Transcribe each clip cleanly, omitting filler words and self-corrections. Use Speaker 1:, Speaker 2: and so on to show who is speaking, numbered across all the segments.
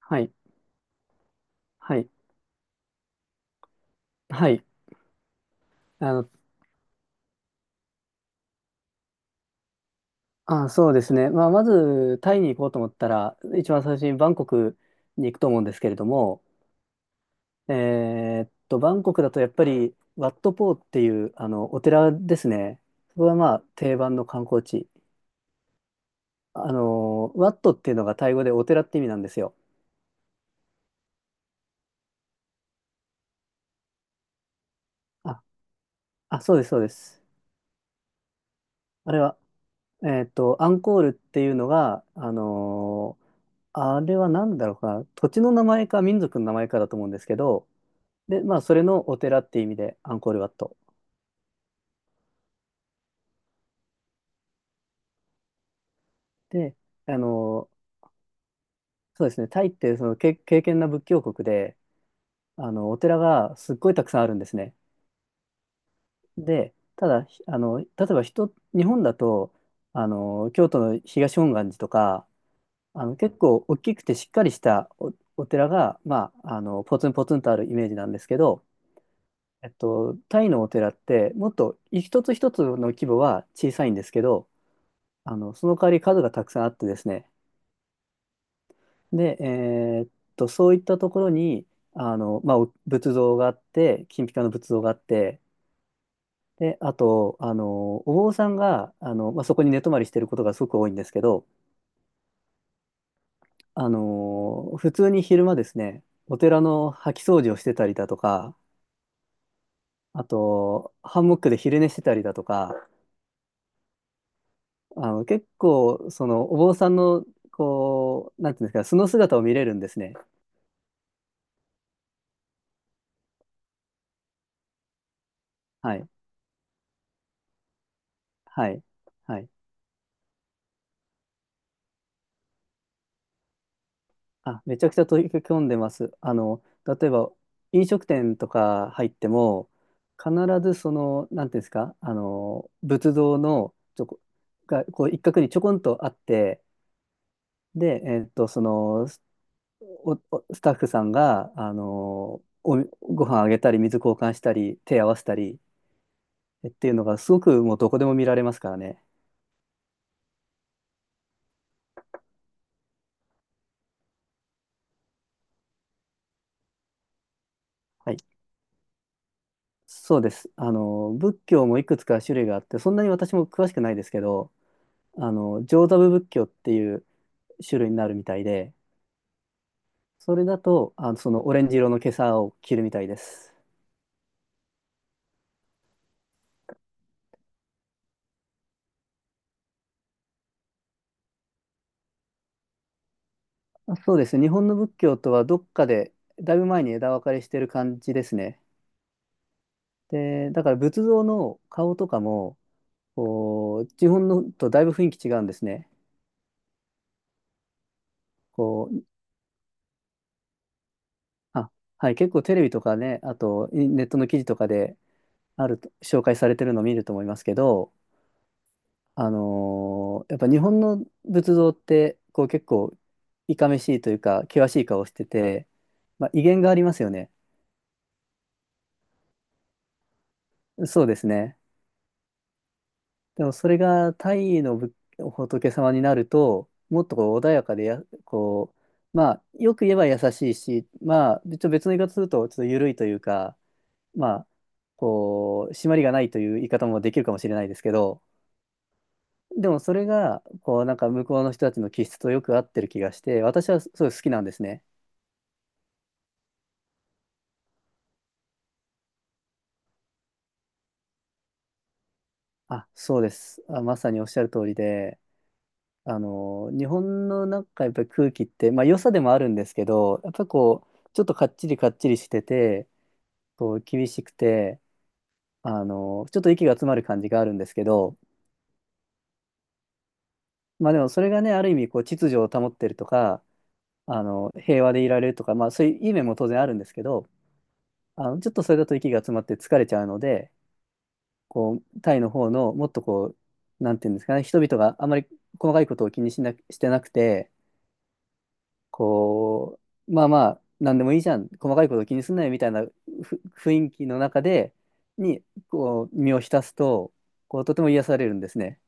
Speaker 1: はい、はい、はい。あの、そうですね。まあ、まず、タイに行こうと思ったら、一番最初にバンコクに行くと思うんですけれども、バンコクだとやっぱり、ワットポーっていう、お寺ですね。そこがまあ、定番の観光地。ワットっていうのがタイ語でお寺って意味なんですよ。あ、あ、そうです、そうです。あれは、アンコールっていうのが、あれは何だろうかな、土地の名前か民族の名前かだと思うんですけど、で、まあ、それのお寺っていう意味で、アンコールワット。で、あの、そうですね、タイってそのけ、敬虔な仏教国で、お寺がすっごいたくさんあるんですね。で、ただ、ひあの、例えば日本だと、京都の東本願寺とか、結構大きくてしっかりしたお寺が、まあ、ポツンポツンとあるイメージなんですけど、タイのお寺って、もっと一つ一つの規模は小さいんですけど、その代わり数がたくさんあってですね、で、そういったところに、まあ、お仏像があって、金ピカの仏像があって、で、あと、お坊さんが、まあ、そこに寝泊まりしてることがすごく多いんですけど、普通に昼間ですね、お寺の掃き掃除をしてたりだとか、あと、ハンモックで昼寝してたりだとか、結構、お坊さんの、こう、なんていうんですか、素の姿を見れるんですね。はい。はい。はい。あ、めちゃくちゃ取り組んでます。例えば飲食店とか入っても、必ずなんていうんですか、仏像のちょこ、がこう一角にちょこんとあって、で、おスタッフさんが、ご飯あげたり、水交換したり、手合わせたりっていうのが、すごくもうどこでも見られますからね。はい。そうです。仏教もいくつか種類があって、そんなに私も詳しくないですけど、上座部仏教っていう種類になるみたいで、それだと、そのオレンジ色の袈裟を着るみたいです。あそうですね。日本の仏教とはどっかで、だいぶ前に枝分かれしてる感じですね。で、だから仏像の顔とかも、こう、日本のとだいぶ雰囲気違うんですね。こう、あ、はい、結構テレビとかね、あとネットの記事とかであると、紹介されてるのを見ると思いますけど、やっぱ日本の仏像ってこう結構いかめしいというか険しい顔してて、まあ、威厳がありますよね。そうですね。でもそれがタイの仏様になるともっとこう穏やかでこう、まあよく言えば優しいし、まあちょっと別の言い方するとちょっと緩いというか、まあこう締まりがないという言い方もできるかもしれないですけど、でもそれがこうなんか向こうの人たちの気質とよく合ってる気がして、私はすごい好きなんですね。あ、そうです。あ、まさにおっしゃる通りで、日本のなんかやっぱり空気って、まあ良さでもあるんですけど、やっぱりこう、ちょっとかっちりかっちりしてて、こう、厳しくて、ちょっと息が詰まる感じがあるんですけど、まあでもそれがね、ある意味こう、秩序を保ってるとか、平和でいられるとか、まあそういういい面も当然あるんですけど、ちょっとそれだと息が詰まって疲れちゃうので、こう、タイの方のもっとこう、なんていうんですかね、人々があまり細かいことを気にしてなくて、こう、まあまあ、なんでもいいじゃん、細かいこと気にすんなよみたいなふ雰囲気の中で、に、こう、身を浸すと、こう、とても癒されるんですね。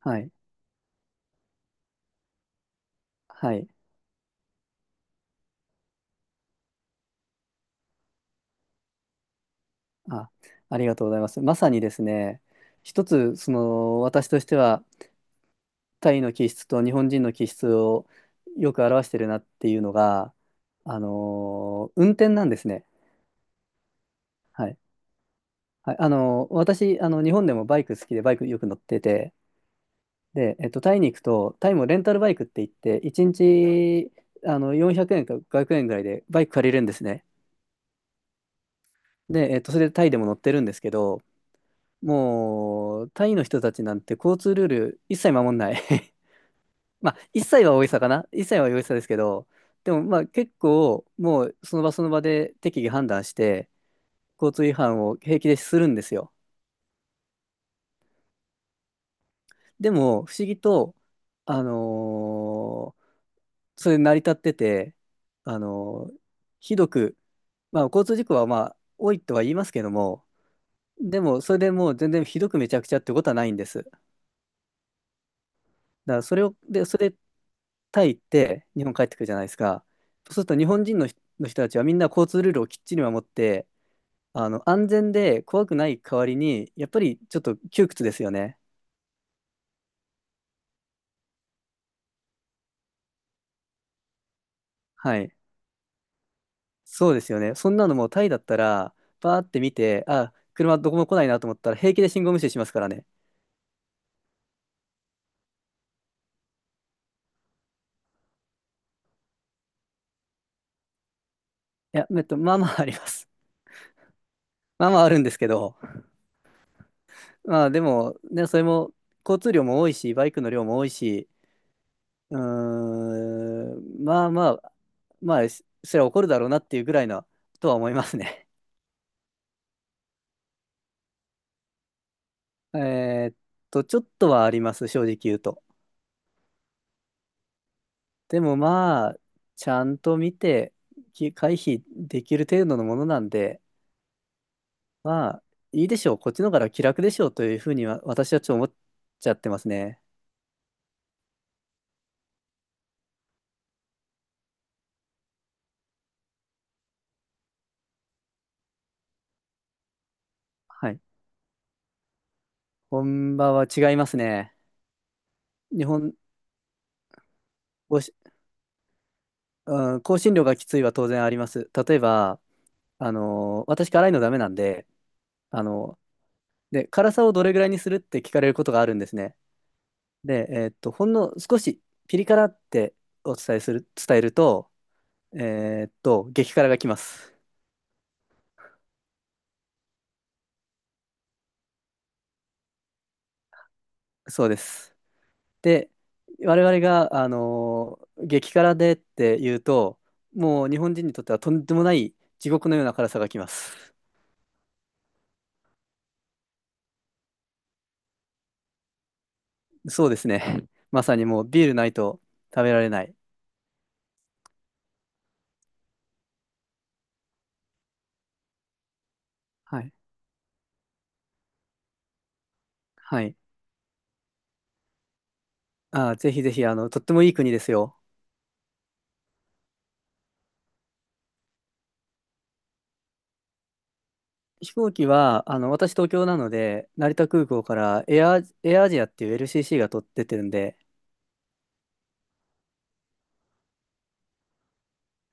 Speaker 1: はい。はい。あ、ありがとうございます。まさにですね、一つ、私としては、タイの気質と日本人の気質をよく表してるなっていうのが、運転なんですね。はい。はい、私、日本でもバイク好きで、バイクよく乗ってて、で、タイに行くと、タイもレンタルバイクって言って、1日400円か500円ぐらいでバイク借りれるんですね。で、それでタイでも乗ってるんですけど、もう、タイの人たちなんて交通ルール一切守んない まあ、一切は大げさかな。一切は大げさですけど、でもまあ結構、もうその場その場で適宜判断して、交通違反を平気でするんですよ。でも、不思議と、あのーそれ成り立ってて、あの、ひどく、まあ、交通事故はまあ、多いとは言いますけども、でも、それでもう全然ひどくめちゃくちゃってことはないんです。だからそれを、で、それ、タイ行って日本帰ってくるじゃないですか。そうすると日本人の人たちはみんな交通ルールをきっちり守って、安全で怖くない代わりに、やっぱりちょっと窮屈ですよね。はい。そうですよね。そんなのもうタイだったら、バーって見て、あ、車どこも来ないなと思ったら平気で信号無視しますからね。いや、まあまああります。まあまああるんですけど、まあでも、ね、それも交通量も多いし、バイクの量も多いし、うーまあまあ、まあ、そりゃ怒るだろうなっていうぐらいなとは思いますね。えーっちょっとはあります、正直言うと。でもまあ、ちゃんと見て、回避できる程度のものなんで、まあ、いいでしょう、こっちの方が気楽でしょうというふうには、私はちょっと思っちゃってますね。はい。本場は違いますね。日本語し、うん、香辛料がきついは当然あります。例えば、私辛いのダメなんで、あので、辛さをどれぐらいにするって聞かれることがあるんですね。で、ほんの少しピリ辛ってお伝えする、伝えると、激辛が来ます。そうです。で、我々が、激辛でって言うと、もう日本人にとってはとんでもない地獄のような辛さが来ます。そうですね。まさにもうビールないと食べられない。はい。はい。ぜひぜひ、とってもいい国ですよ。飛行機は、私東京なので、成田空港からエアアジアっていう LCC が取ってってるんで、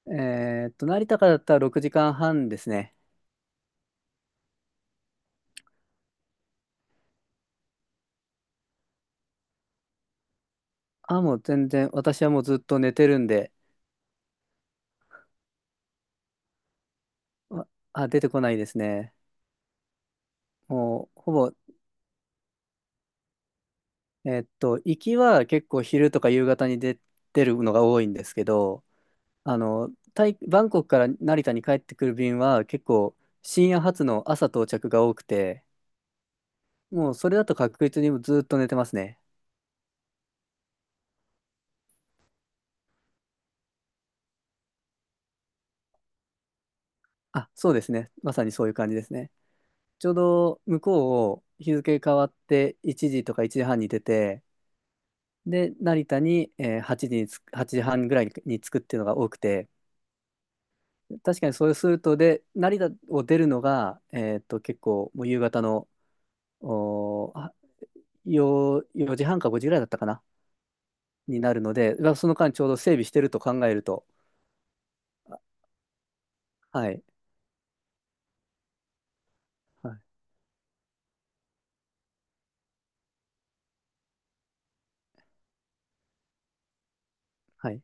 Speaker 1: え成田からだったら6時間半ですね。あ、もう全然、私はもうずっと寝てるんで、あ、あ、出てこないですね。もう、ほぼ、行きは結構昼とか夕方に出てるのが多いんですけど、タイバンコクから成田に帰ってくる便は結構深夜発の朝到着が多くて、もうそれだと確実にずっと寝てますね。あ、そうですね。まさにそういう感じですね。ちょうど向こうを日付変わって1時とか1時半に出て、で、成田に、8時8時半ぐらいに着くっていうのが多くて、確かにそうすると、で、成田を出るのが、結構もう夕方の、おー、あよ4時半か5時ぐらいだったかな、になるので、まあその間ちょうど整備してると考えると、あはい、はい、はい。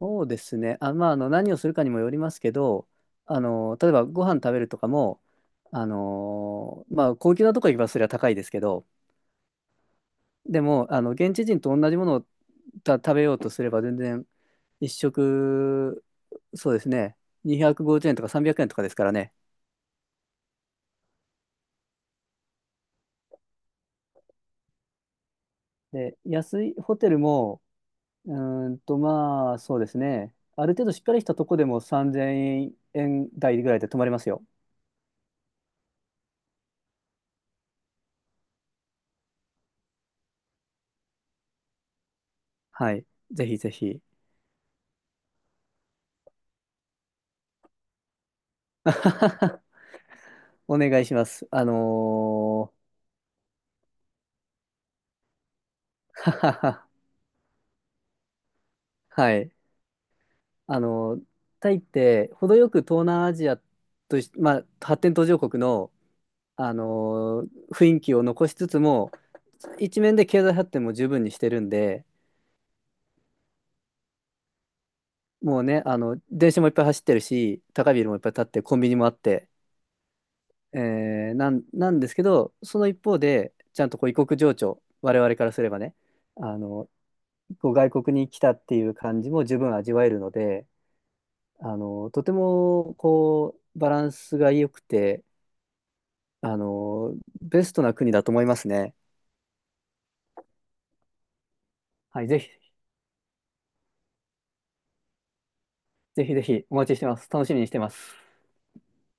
Speaker 1: そうですね。あ、まあ、何をするかにもよりますけど、例えばご飯食べるとかも、まあ、高級なとこ行けばそれは高いですけど、でも、現地人と同じものを食べようとすれば全然、一食、そうですね、250円とか300円とかですからね。で、安いホテルも、うまあ、そうですね、ある程度しっかりしたとこでも3000円台ぐらいで泊まれますよ。はい。ぜひぜひ。お願いします。ははは はい。あのータイって程よく東南アジアまあ、発展途上国の、雰囲気を残しつつも、一面で経済発展も十分にしてるんで、もうね、電車もいっぱい走ってるし、高いビルもいっぱい建って、コンビニもあって、なんですけど、その一方で、ちゃんとこう異国情緒、我々からすればね、あの、こう外国に来たっていう感じも十分味わえるので、とても、こう、バランスが良くて、あの、ベストな国だと思いますね。はい、ぜひ、ぜひぜひお待ちしてます。楽しみにしてます。